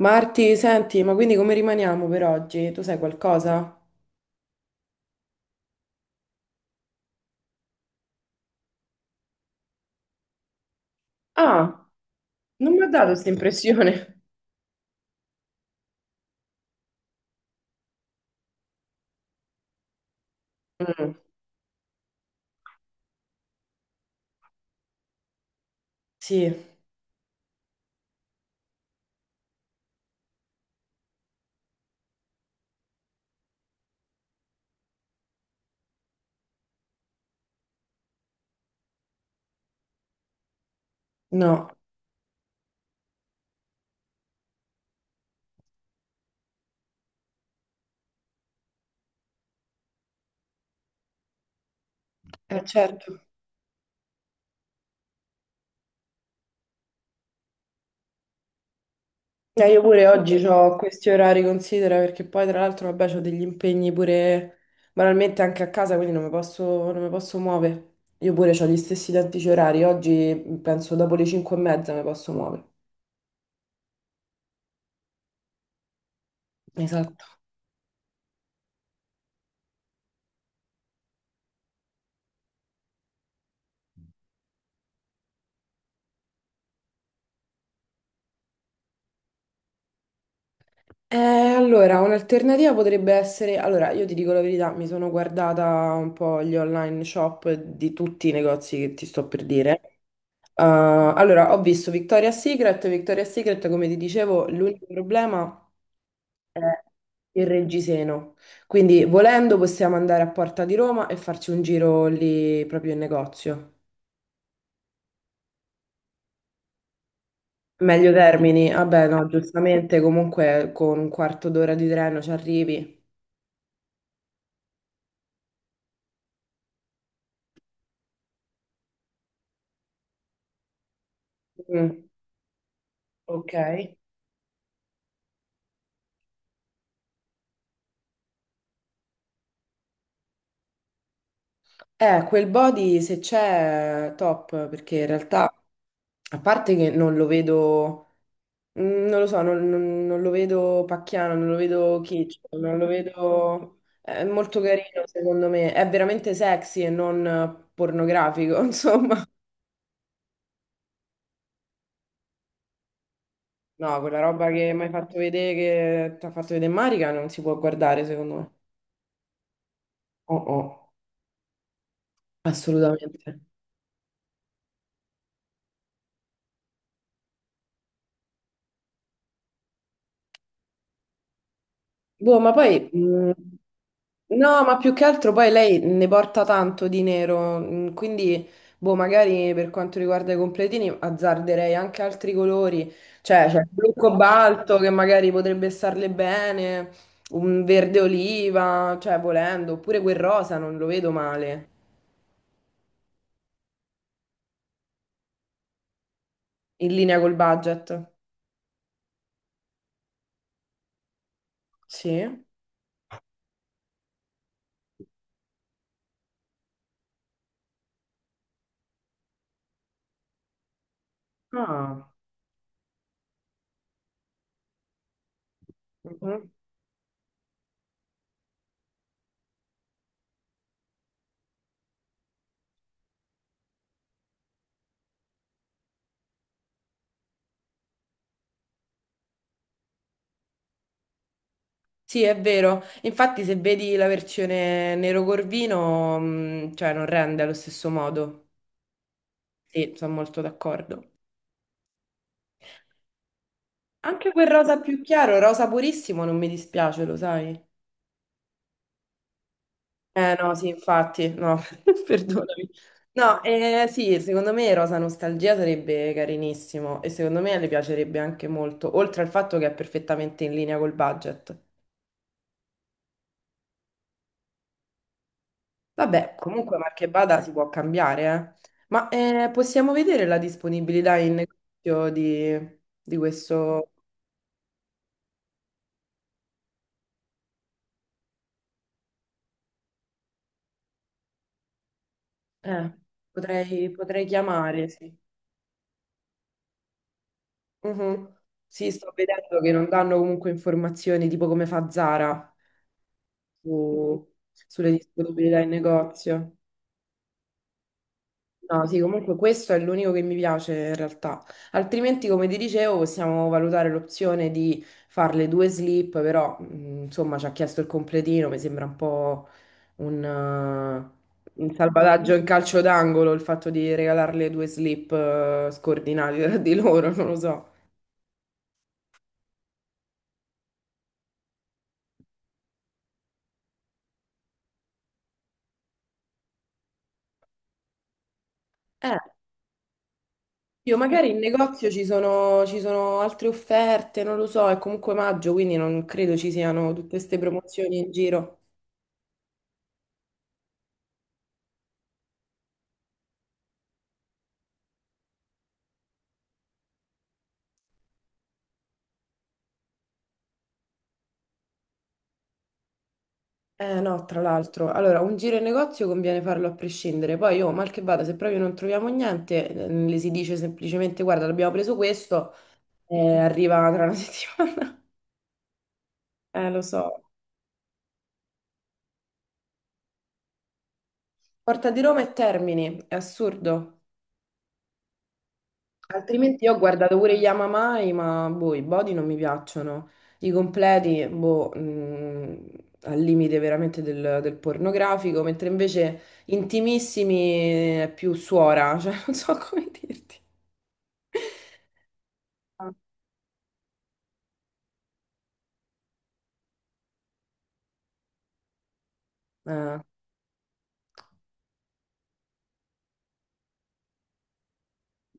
Marti, senti, ma quindi come rimaniamo per oggi? Tu sai qualcosa? Ah, non mi ha dato questa impressione. Mm, sì, no, certo. Io pure oggi ho questi orari, considera, perché poi tra l'altro, vabbè, ho degli impegni pure banalmente anche a casa, quindi non mi posso muovere. Io pure ho gli stessi identici orari, oggi penso dopo le 5 e mezza mi posso muovere. Esatto. Allora, un'alternativa potrebbe essere, allora io ti dico la verità, mi sono guardata un po' gli online shop di tutti i negozi che ti sto per dire. Allora, ho visto Victoria's Secret, Victoria's Secret, come ti dicevo, l'unico problema è il reggiseno. Quindi, volendo, possiamo andare a Porta di Roma e farci un giro lì proprio in negozio. Meglio Termini, vabbè, no, giustamente, comunque con un quarto d'ora di treno ci arrivi. Mm, ok. Quel body se c'è top, perché in realtà, a parte che non lo vedo, mm, non lo so, non lo vedo pacchiano, non lo vedo kitsch, non lo vedo... È molto carino, secondo me. È veramente sexy e non pornografico, insomma. No, quella roba che mi hai fatto vedere, che ti ha fatto vedere Marica, non si può guardare, secondo me. Oh, oh, assolutamente. Boh, ma poi, no, ma più che altro poi lei ne porta tanto di nero, quindi, boh, magari per quanto riguarda i completini azzarderei anche altri colori, cioè c'è il blu cobalto che magari potrebbe starle bene, un verde oliva, cioè volendo, oppure quel rosa non lo vedo male, in linea col budget. Sì? Ah. Mhm. Sì, è vero. Infatti, se vedi la versione nero corvino, cioè non rende allo stesso modo. Sì, sono molto d'accordo. Anche quel rosa più chiaro, rosa purissimo, non mi dispiace, lo sai? Eh no, sì, infatti, no, perdonami. No, sì, secondo me Rosa Nostalgia sarebbe carinissimo e secondo me le piacerebbe anche molto, oltre al fatto che è perfettamente in linea col budget. Vabbè, comunque marche Bada si può cambiare, eh. Possiamo vedere la disponibilità in negozio di questo... Eh, potrei chiamare, sì. Mhm. Sì, sto vedendo che non danno comunque informazioni tipo come fa Zara su- sulle disponibilità in negozio. No, sì, comunque questo è l'unico che mi piace in realtà. Altrimenti, come ti dicevo, possiamo valutare l'opzione di fare le due slip, però insomma ci ha chiesto il completino, mi sembra un po' un salvataggio in calcio d'angolo il fatto di regalarle due slip scordinate tra di loro, non lo so. Eh, io magari in negozio ci sono altre offerte, non lo so, è comunque maggio, quindi non credo ci siano tutte queste promozioni in giro. Eh no, tra l'altro, allora un giro in negozio conviene farlo a prescindere, poi io mal che vada, se proprio non troviamo niente, le si dice semplicemente guarda, abbiamo preso questo, arriva tra una settimana. Lo so. Porta di Roma e Termini, è assurdo. Altrimenti io ho guardato pure gli Amamai, ma boh, i body non mi piacciono. I completi, boh, mm, al limite veramente del, del pornografico, mentre invece intimissimi è più suora, cioè non so come dirti. Eh,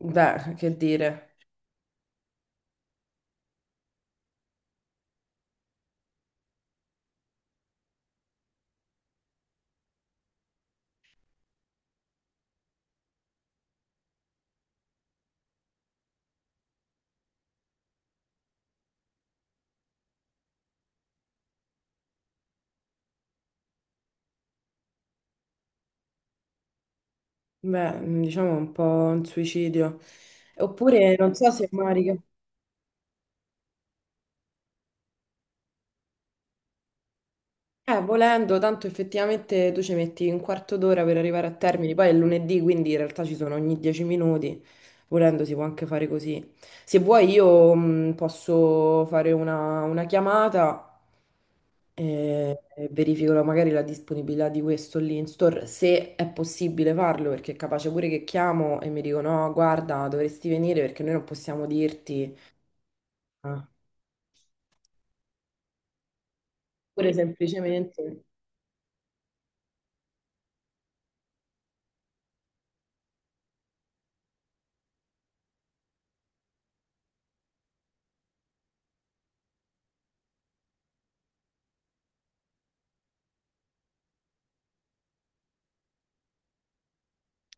beh, che dire, beh, diciamo un po' un suicidio. Oppure non so se Marica. Volendo, tanto effettivamente tu ci metti un quarto d'ora per arrivare a Termini, poi è lunedì, quindi in realtà ci sono ogni 10 minuti, volendo si può anche fare così. Se vuoi io posso fare una chiamata e verifico magari la disponibilità di questo lì in store, se è possibile farlo, perché è capace pure che chiamo e mi dicono no, guarda, dovresti venire perché noi non possiamo dirti, Ah. Pure semplicemente...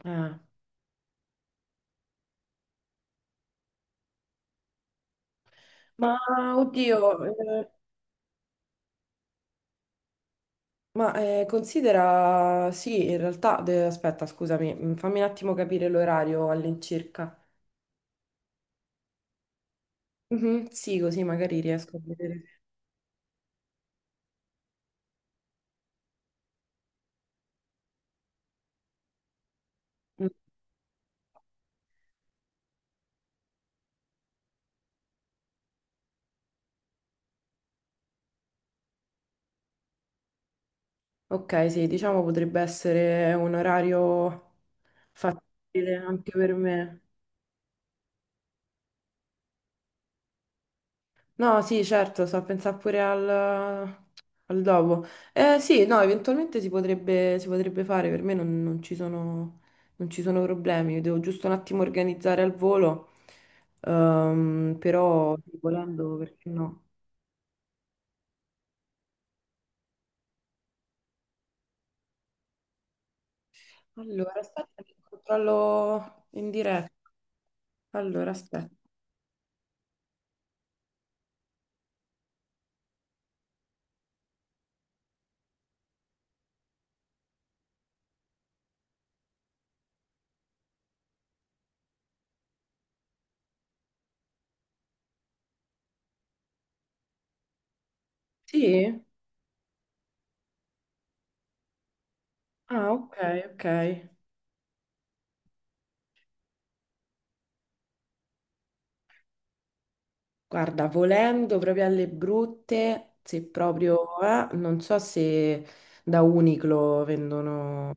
eh, Ma oddio, Ma considera, sì, in realtà, aspetta, scusami, mm, fammi un attimo capire l'orario all'incirca. Mhm, sì, così magari riesco a vedere. Mm, ok, sì, diciamo potrebbe essere un orario fattibile anche per me. No, sì, certo, so, pensare pure al, al dopo. Sì, no, eventualmente si potrebbe fare, per me non ci sono, non ci sono problemi. Io devo giusto un attimo organizzare al volo, ehm, però sì, volendo perché no. Allora, aspetta, che controllo in diretta. Allora, aspetta. Sì? Ah, ok, ok. Guarda, volendo proprio alle brutte, se proprio, non so se da Uniqlo vendono, non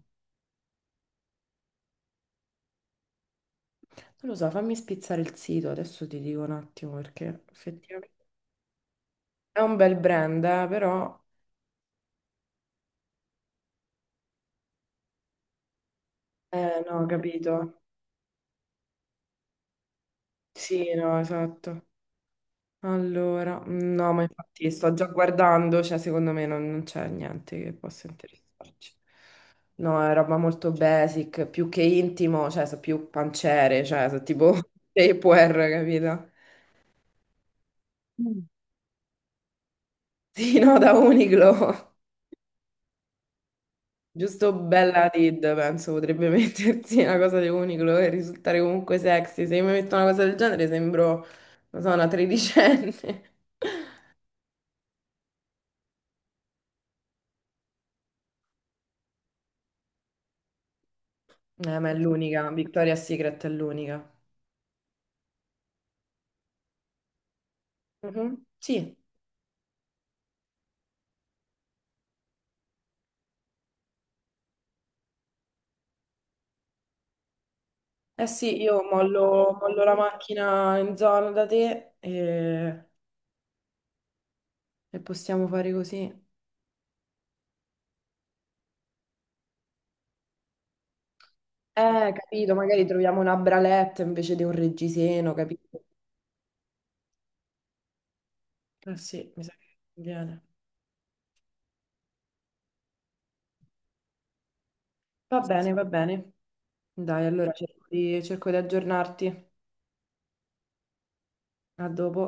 lo so, fammi spizzare il sito, adesso ti dico un attimo perché effettivamente è un bel brand, però, no, ho capito. Sì, no, esatto. Allora, no, ma infatti sto già guardando, cioè secondo me non c'è niente che possa interessarci. No, è roba molto basic, più che intimo, cioè sono più pancere, cioè sono tipo Tupperware, capito? Mm. Sì, no, da Uniqlo. Giusto bella Tid, penso, potrebbe mettersi una cosa di Uniqlo e risultare comunque sexy. Se io mi metto una cosa del genere sembro, non so, una tredicenne. Ma è l'unica, Victoria's Secret è l'unica. Mhm, sì, eh sì, io mollo, mollo la macchina in zona da te e possiamo fare così. Capito, magari troviamo una bralette invece di un reggiseno, capito? Eh sì, mi sa che viene. Va bene, va bene. Dai, allora cerco di aggiornarti. A dopo.